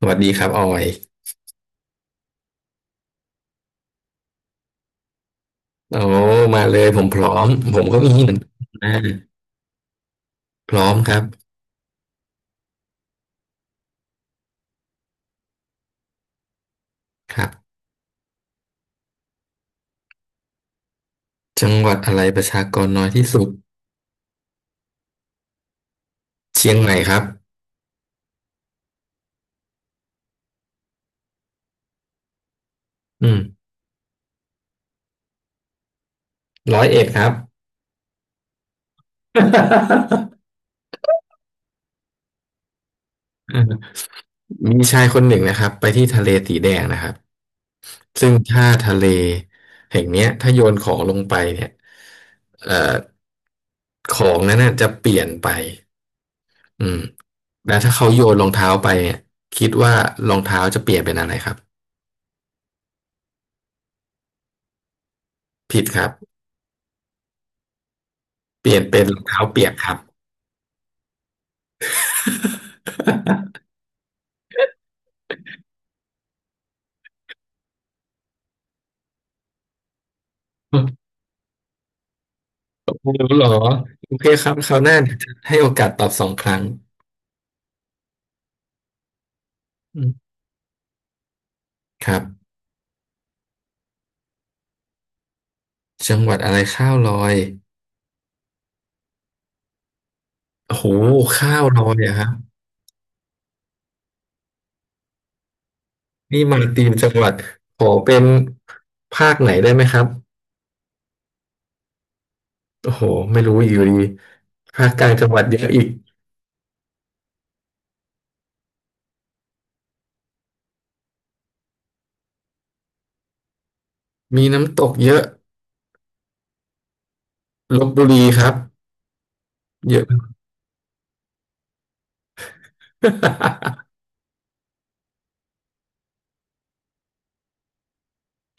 สวัสดีครับออยโอ้มาเลยผมพร้อมผมก็มีเหมือนกันนะพร้อมครับครับจังหวัดอะไรประชากรน้อยที่สุดเชียงใหม่ครับอืมร้อยเอ็ดครับ มมีชายคนหนึ่งนะครับไปที่ทะเลสีแดงนะครับซึ่งถ้าทะเลแห่งเนี้ยถ้าโยนของลงไปเนี่ยเอ่อของนั้นน่ะจะเปลี่ยนไปอืมแล้วถ้าเขาโยนรองเท้าไปเนี่ยคิดว่ารองเท้าจะเปลี่ยนเป็นอะไรครับผิดครับ เปลี่ยนเป็นรองเท้าเปียกครับ ไม่รู้หรอ โอเคครับคราวหน้าเดี๋ยวจะให้โอกาสตอบสองครั้งอืมครับจังหวัดอะไรข้าวลอยโอ้โหข้าวลอยอะครับนี่มาตีมจังหวัดขอเป็นภาคไหนได้ไหมครับโอ้โหไม่รู้อยู่ดีภาคกลางจังหวัดเยอะอีกมีน้ำตกเยอะลพบุรีครับเยอะ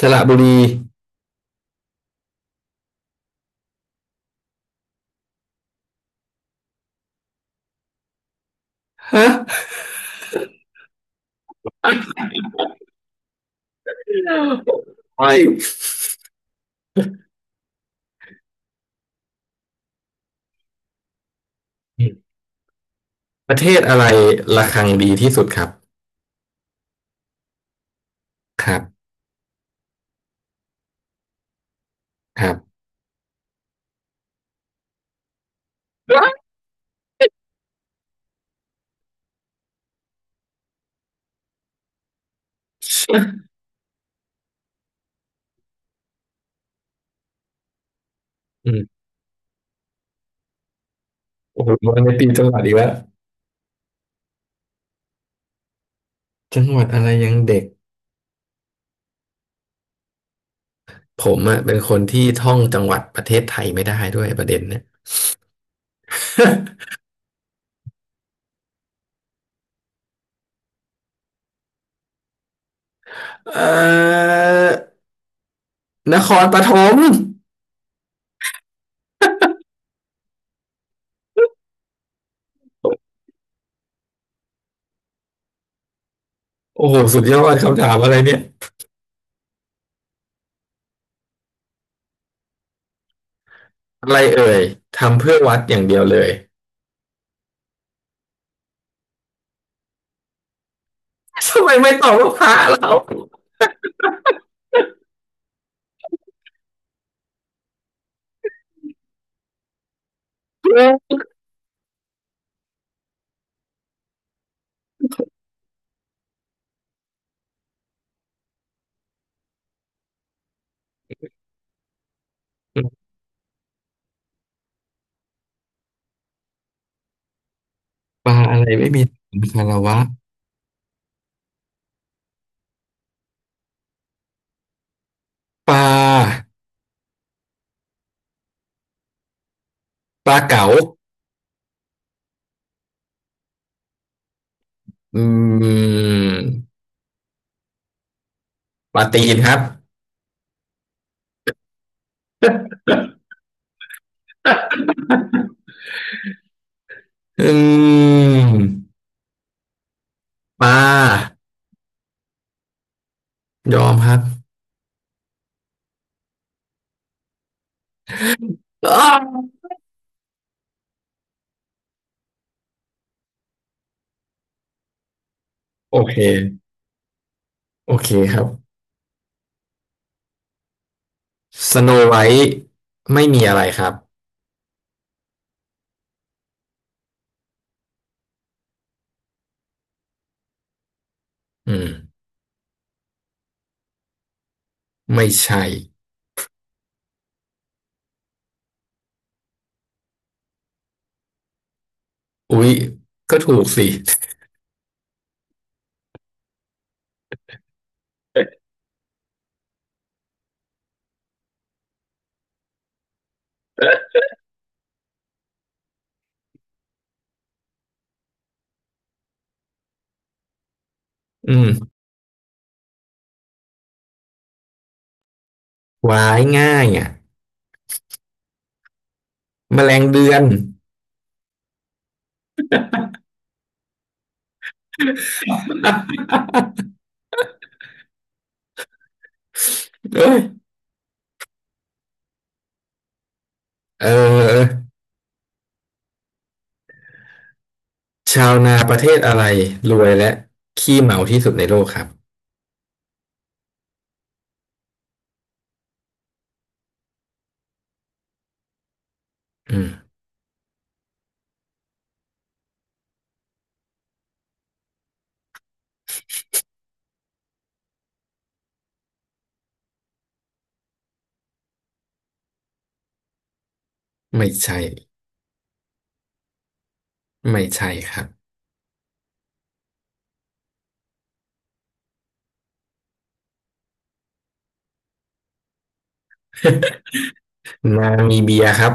สระบุรีฮะไม่ ประเทศอะไรระฆังดีที่สุดครับ ครับ ครับอืมโอ้โหมันในตีจังหวัดอีกแล้วจังหวัดอะไรยังเด็ก ผมอะเป็นคนที่ท่องจังหวัดประเทศไทยไม่ได้ด้วยประเด็นเนี่ย เอ่อนครปฐมโอ้โหสุดยอดคำถามอะไรเนี่ยอะไรเอ่ยทำเพื่อวัดอย่างเดียวเลย ทำไมไม่ตอบว่าพระเราปลาอะไรไม่มีคารวะปลาปลาเก๋า อืมปลาตีนครับอืมปลายอมครับอ้าวโอเคโอเคครับสโนไวท์ไม่มีอะไรครับอืมไม่ใช่อุ๊ยก็ถูกสิอืมวายง่ายอ่ะแมลงเดือนเอ้ยเออชาวนาประเทศอะไรรวยและขี้เมาที่สุดในโลกครับอืมไม่ใช่ไม่ใช่ครับ นามีเบียครับ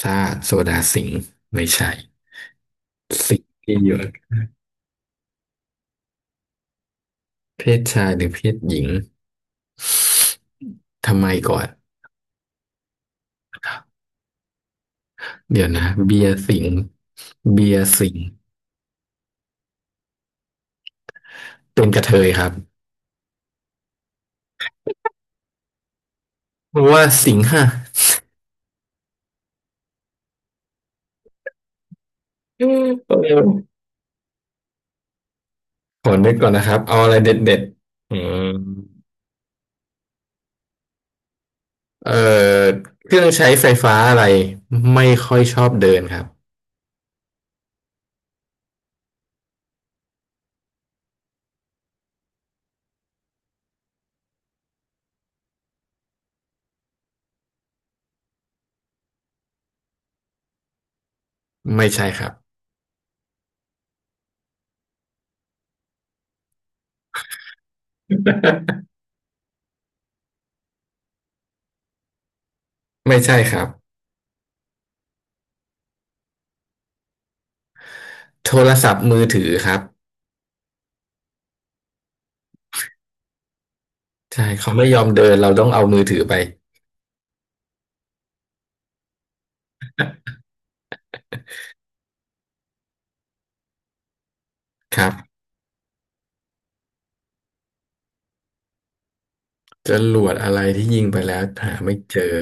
ซ่าติโซดาสิงห์ไม่ใช่สิงห์ที่อยู่เพศชายหรือเพศหญิงทำไมก่อนเดี๋ยวนะเบียร์สิงห์เบียร์สิงห์เป็นกระเทยครับเพราะว่าสิงห์ฮะอืมขอนึกก่อนนะครับเอาอะไรเด็ดๆอืมเอ่อเครื่องใช้ไฟฟ้าอะไรไม่ค่อยชอบเดินครับไม่ใช่ครับไม่ใช่ครับโทรศัพท์มือถือครับใช่เขาไม่ยอมเดินเราต้องเอามือถือไปครับ จรวดอะไรที่ยิงไปแล้วหาไม่เจอ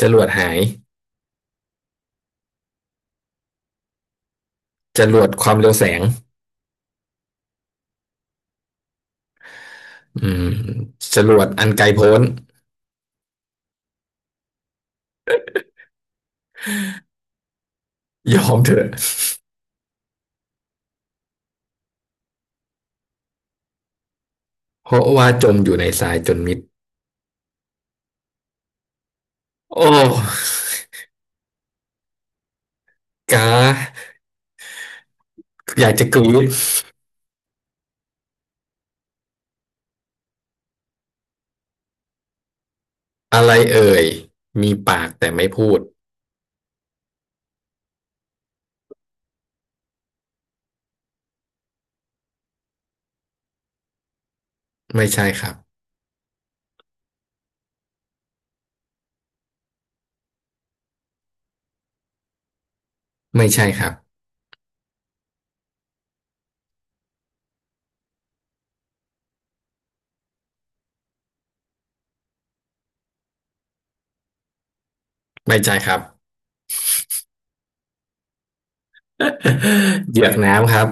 จรวดหายจรวดความเร็วแสงอืมจรวดอันไกลโพ้นยอมเถอะเพราะว่าจมอยู่ในทรายจนมิดโอ้กาอยากจะกรี๊ดอะไรเอ่ยมีปากแต่ไม่พูดไม่ใช่ครับไม่ใช่ครับไม่ใช่ครับ เหยือกน้ำครับ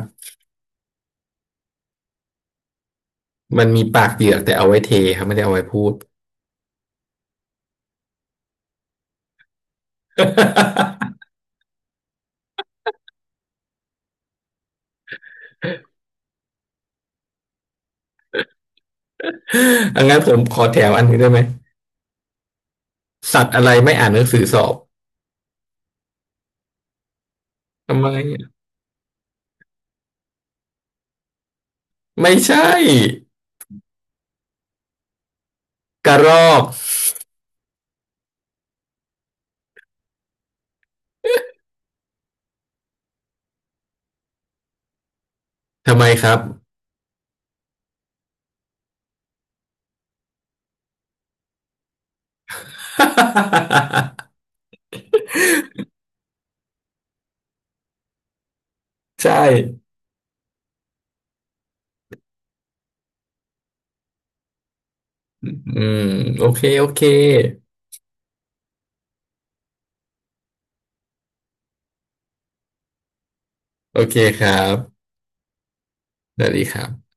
มันมีปากเหยือกแต่เอาไว้เทครับไม่ได้เอาไว้พูด อังั้นผมขอแถวอันนี้ได้ไหม สัตว์อะไรไม่อ่านหนังสือสอบทำไมไม่ใช่กระรอกทำไมครับ ใช่อืมโอเคโอเคโอเคครับสวัสดีครับ